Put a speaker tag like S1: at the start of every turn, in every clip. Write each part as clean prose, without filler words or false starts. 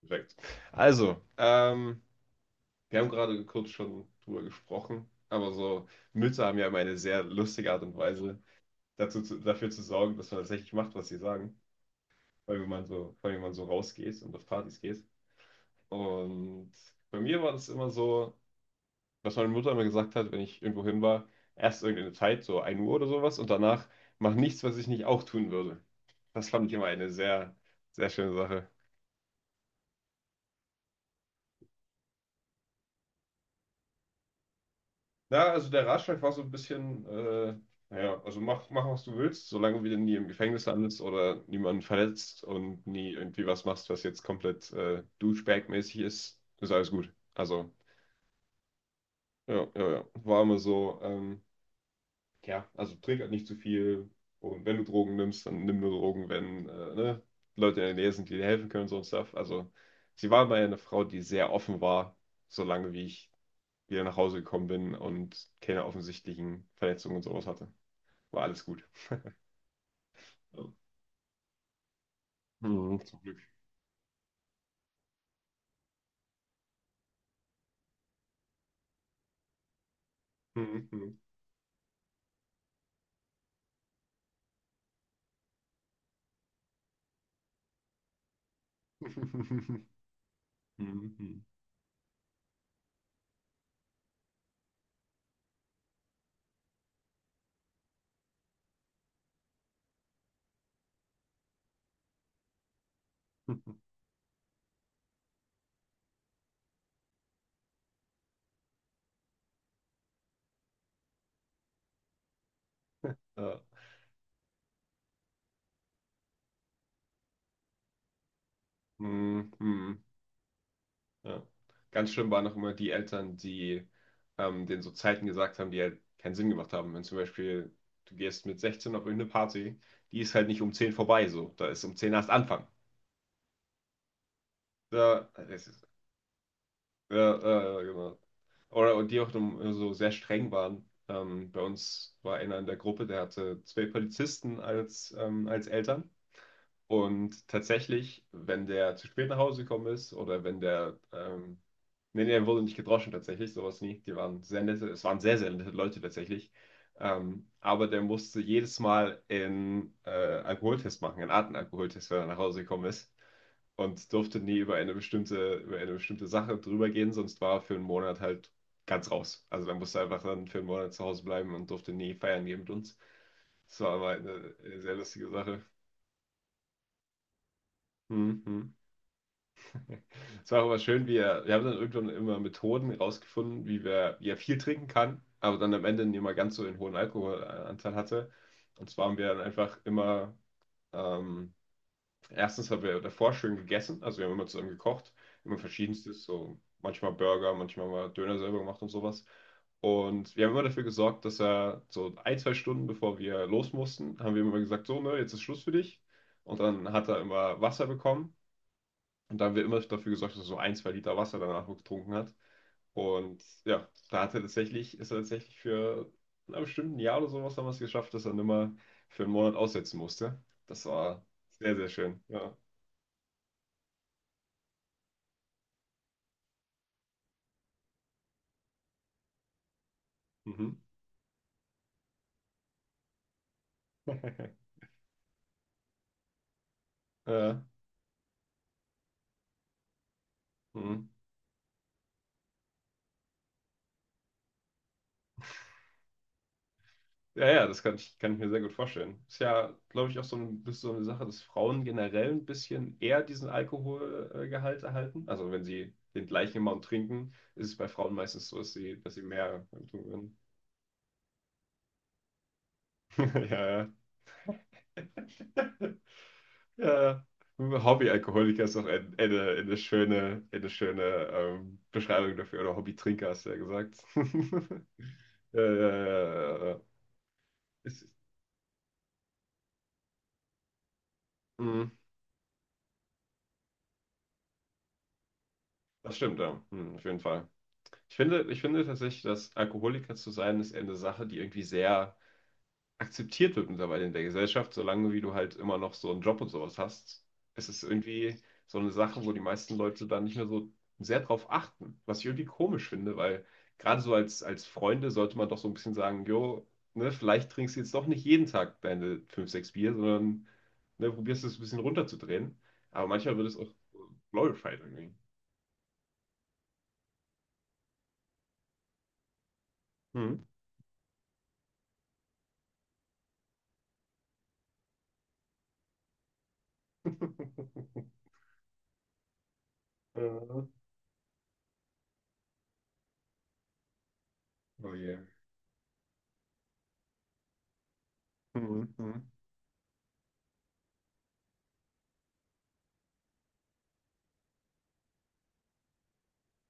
S1: Perfekt. Also, wir haben gerade kurz schon drüber gesprochen, aber so Mütter haben ja immer eine sehr lustige Art und Weise, dafür zu sorgen, dass man tatsächlich macht, was sie sagen. Weil wenn man so, vor allem wenn man so rausgeht und auf Partys geht. Und bei mir war das immer so, was meine Mutter immer gesagt hat, wenn ich irgendwo hin war, erst irgendeine Zeit, so ein Uhr oder sowas, und danach mach nichts, was ich nicht auch tun würde. Das fand ich immer eine sehr schöne Sache. Na, also der Ratschlag war so ein bisschen, naja, also mach, was du willst, solange du nie im Gefängnis landest oder niemanden verletzt und nie irgendwie was machst, was jetzt komplett Douchebag-mäßig ist, ist alles gut. Also, ja, ja, ja. War immer so, ja, also trink halt nicht zu viel und wenn du Drogen nimmst, dann nimm nur Drogen, wenn ne, Leute in der Nähe sind, die dir helfen können und so und Stuff. Also, sie war immer eine Frau, die sehr offen war, solange wie ich wieder nach Hause gekommen bin und keine offensichtlichen Verletzungen und sowas hatte. War alles gut. Ja. Mhm, zum Glück. Mhm, mhm. Mhm, mhm. Ja. Mhm, mhm. Ja. Ganz schlimm waren noch immer die Eltern, die denen so Zeiten gesagt haben, die halt keinen Sinn gemacht haben. Wenn zum Beispiel du gehst mit 16 auf irgendeine Party, die ist halt nicht um 10 vorbei, so. Da ist um 10 erst Anfang. Ja, das ist, ja, ja, ja, genau. Oder und die auch so sehr streng waren. Bei uns war einer in der Gruppe, der hatte zwei Polizisten als Eltern. Und tatsächlich, wenn der zu spät nach Hause gekommen ist oder wenn nee, nee, er wurde nicht gedroschen tatsächlich, sowas nie. Die waren sehr nette, es waren sehr nette Leute tatsächlich. Aber der musste jedes Mal einen Alkoholtest machen, einen Atemalkoholtest, wenn er nach Hause gekommen ist. Und durfte nie über eine über eine bestimmte Sache drüber gehen, sonst war er für einen Monat halt ganz raus. Also dann musste er einfach dann für einen Monat zu Hause bleiben und durfte nie feiern gehen mit uns. Das war aber eine sehr lustige Sache. Mhm. Es war aber schön, wir haben dann irgendwann immer Methoden rausgefunden, wie er viel trinken kann, aber dann am Ende nicht mal ganz so einen hohen Alkoholanteil hatte. Und zwar haben wir dann einfach immer, ähm, erstens haben wir davor schön gegessen, also wir haben immer zusammen gekocht, immer verschiedenstes, so manchmal Burger, manchmal mal Döner selber gemacht und sowas. Und wir haben immer dafür gesorgt, dass er so ein, zwei Stunden bevor wir los mussten, haben wir ihm immer gesagt, so, ne, jetzt ist Schluss für dich. Und dann hat er immer Wasser bekommen. Und da haben wir immer dafür gesorgt, dass er so ein, zwei Liter Wasser danach getrunken hat. Und ja, da hat er ist er tatsächlich für na, bestimmt ein bestimmten Jahr oder sowas haben wir es geschafft, dass er nimmer für einen Monat aussetzen musste. Das war sehr schön. Ja. Mhm. Ja, mhm. Ja, ja, das kann kann ich mir sehr gut vorstellen. Ist ja, glaube ich, auch so, ein, bisschen so eine Sache, dass Frauen generell ein bisschen eher diesen Alkoholgehalt erhalten. Also wenn sie den gleichen Amount trinken, ist es bei Frauen meistens so, dass sie mehr tun werden. Ja, ja, Hobbyalkoholiker ist doch eine eine schöne Beschreibung dafür. Oder Hobbytrinker hast du ja gesagt. Ja, ja, ja, ja, ja. Ist, mhm. Das stimmt, ja. Mhm, auf jeden Fall. Ich finde tatsächlich, dass Alkoholiker zu sein, ist eher eine Sache, die irgendwie sehr akzeptiert wird mittlerweile in der Gesellschaft, solange wie du halt immer noch so einen Job und sowas hast. Es ist irgendwie so eine Sache, wo die meisten Leute dann nicht mehr so sehr drauf achten, was ich irgendwie komisch finde, weil gerade so als Freunde sollte man doch so ein bisschen sagen, jo, ne, vielleicht trinkst du jetzt doch nicht jeden Tag deine 5 6 Bier, sondern ne, probierst es ein bisschen runterzudrehen. Aber manchmal wird es auch glorified irgendwie. Hm. Ja. Oh je. Hm, hm,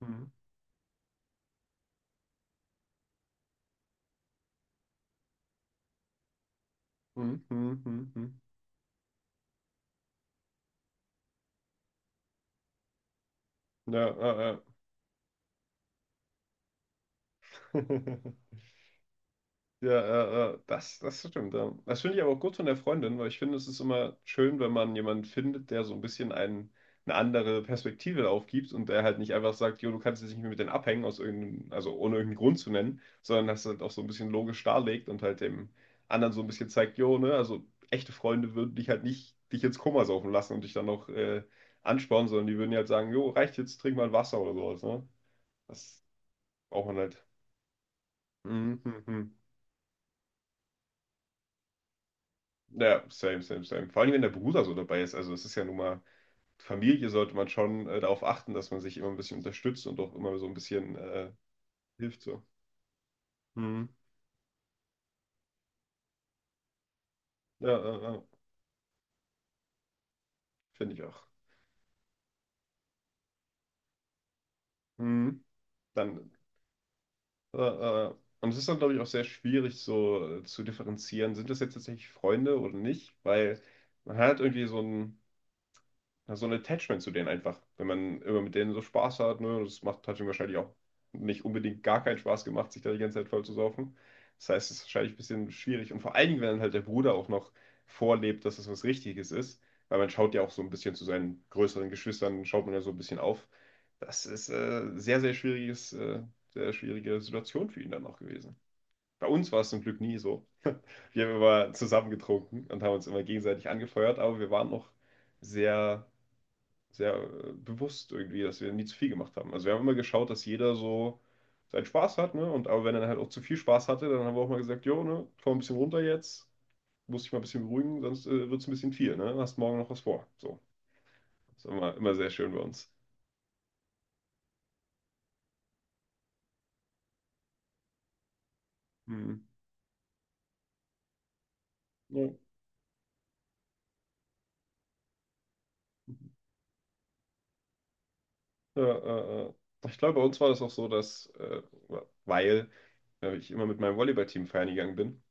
S1: hm, hm, hm, hm, hm. Ja, ja, ja. Ja, das, das stimmt. Ja. Das finde ich aber auch gut von der Freundin, weil ich finde, es ist immer schön, wenn man jemanden findet, der so ein bisschen einen, eine andere Perspektive aufgibt und der halt nicht einfach sagt, jo, du kannst jetzt nicht mehr mit denen abhängen, aus irgendeinem, also ohne irgendeinen Grund zu nennen, sondern das halt auch so ein bisschen logisch darlegt und halt dem anderen so ein bisschen zeigt, jo, ne, also echte Freunde würden dich halt nicht, dich ins Koma saufen lassen und dich dann noch anspornen, sondern die würden dir halt sagen, jo, reicht jetzt, trink mal ein Wasser oder sowas, ne? Das braucht man halt. Mhm. Ja, same, same, same. Vor allem, wenn der Bruder so dabei ist. Also, es ist ja nun mal, Familie sollte man schon darauf achten, dass man sich immer ein bisschen unterstützt und auch immer so ein bisschen hilft so. Hm. Ja, finde ich auch. Hm. Dann, äh, äh. äh. Und es ist dann, glaube ich, auch sehr schwierig so zu differenzieren, sind das jetzt tatsächlich Freunde oder nicht? Weil man hat irgendwie so ein ja, so ein Attachment zu denen einfach. Wenn man immer mit denen so Spaß hat, ne, das macht, hat ihm wahrscheinlich auch nicht unbedingt gar keinen Spaß gemacht, sich da die ganze Zeit voll zu saufen. Das heißt, es ist wahrscheinlich ein bisschen schwierig. Und vor allen Dingen, wenn dann halt der Bruder auch noch vorlebt, dass das was Richtiges ist, weil man schaut ja auch so ein bisschen zu seinen größeren Geschwistern, schaut man ja so ein bisschen auf. Das ist sehr, sehr schwierige Situation für ihn dann auch gewesen. Bei uns war es zum Glück nie so. Wir haben immer zusammen getrunken und haben uns immer gegenseitig angefeuert, aber wir waren noch sehr sehr bewusst irgendwie, dass wir nie zu viel gemacht haben. Also wir haben immer geschaut, dass jeder so seinen Spaß hat, ne? Und aber wenn er dann halt auch zu viel Spaß hatte, dann haben wir auch mal gesagt, jo, ne, komm ein bisschen runter jetzt, muss dich mal ein bisschen beruhigen, sonst wird es ein bisschen viel, ne? Hast morgen noch was vor. So. Das ist immer sehr schön bei uns. Hm. Ja. Ja, ich glaube, bei uns war das auch so, dass, weil ich immer mit meinem Volleyballteam feiern gegangen bin.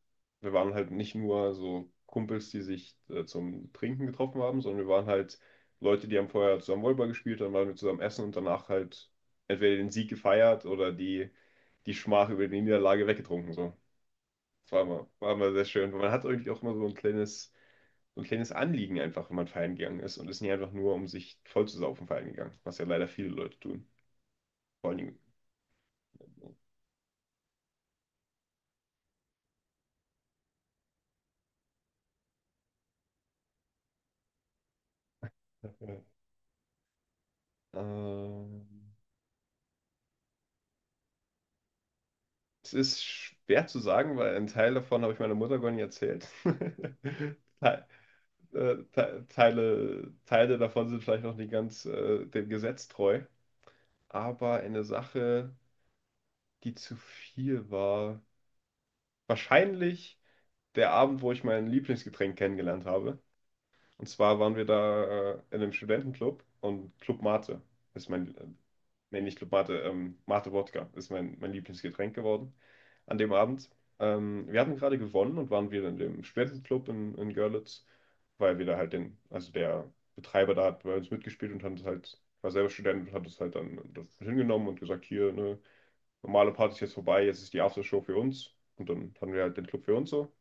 S1: Wir waren halt nicht nur so Kumpels, die sich zum Trinken getroffen haben, sondern wir waren halt Leute, die haben vorher zusammen Volleyball gespielt, dann waren wir zusammen essen und danach halt entweder den Sieg gefeiert oder die Schmach über die Niederlage weggetrunken. So. Das war war immer sehr schön. Man hat irgendwie auch immer so ein kleines Anliegen einfach, wenn man feiern gegangen ist und ist nicht einfach nur, um sich voll zu saufen feiern gegangen, was ja leider viele Leute tun. Vor allem, ähm, es ist schwer zu sagen, weil ein Teil davon habe ich meiner Mutter gar nicht erzählt. Te- Teile davon sind vielleicht noch nicht ganz dem Gesetz treu. Aber eine Sache, die zu viel war, wahrscheinlich der Abend, wo ich mein Lieblingsgetränk kennengelernt habe. Und zwar waren wir da in einem Studentenclub und Club Mate ist mein nee, nicht Club Mate, Mate Wodka ist mein Lieblingsgetränk geworden an dem Abend. Wir hatten gerade gewonnen und waren wieder in dem Spätclub in Görlitz, weil wir da halt den, also der Betreiber da hat bei uns mitgespielt und hat es halt, war selber Student und hat es halt dann das hingenommen und gesagt, hier, ne, normale Party ist jetzt vorbei, jetzt ist die Aftershow für uns. Und dann hatten wir halt den Club für uns so.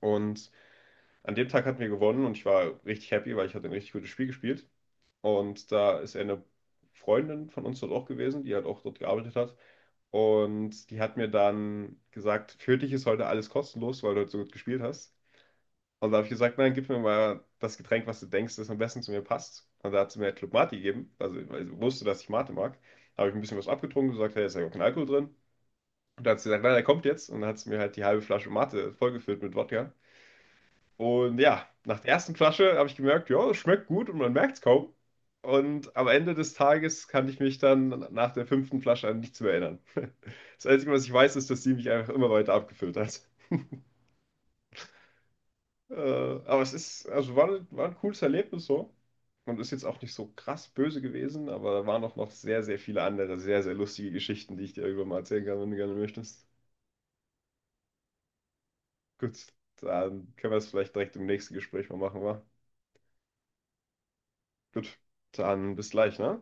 S1: Und an dem Tag hatten wir gewonnen und ich war richtig happy, weil ich hatte ein richtig gutes Spiel gespielt. Und da ist eine Freundin von uns dort auch gewesen, die halt auch dort gearbeitet hat. Und die hat mir dann gesagt, für dich ist heute alles kostenlos, weil du heute so gut gespielt hast. Und da habe ich gesagt, nein, gib mir mal das Getränk, was du denkst, das am besten zu mir passt. Und da hat sie mir halt Club Mate gegeben, also weil sie wusste, dass ich Mate mag. Da habe ich ein bisschen was abgetrunken, gesagt, hey, ist ja auch kein Alkohol drin. Und da hat sie gesagt, nein, der kommt jetzt. Und dann hat sie mir halt die halbe Flasche Mate vollgefüllt mit Wodka. Und ja, nach der ersten Flasche habe ich gemerkt, ja, es schmeckt gut und man merkt es kaum. Und am Ende des Tages kann ich mich dann nach der fünften Flasche an nichts mehr erinnern. Das Einzige, was ich weiß, ist, dass die mich einfach immer weiter abgefüllt hat. Aber es ist, war ein cooles Erlebnis so. Und ist jetzt auch nicht so krass böse gewesen, aber da waren auch noch sehr viele andere, sehr lustige Geschichten, die ich dir irgendwann mal erzählen kann, wenn du gerne möchtest. Gut, dann können wir es vielleicht direkt im nächsten Gespräch mal machen, wa? Gut, dann bis gleich, ne?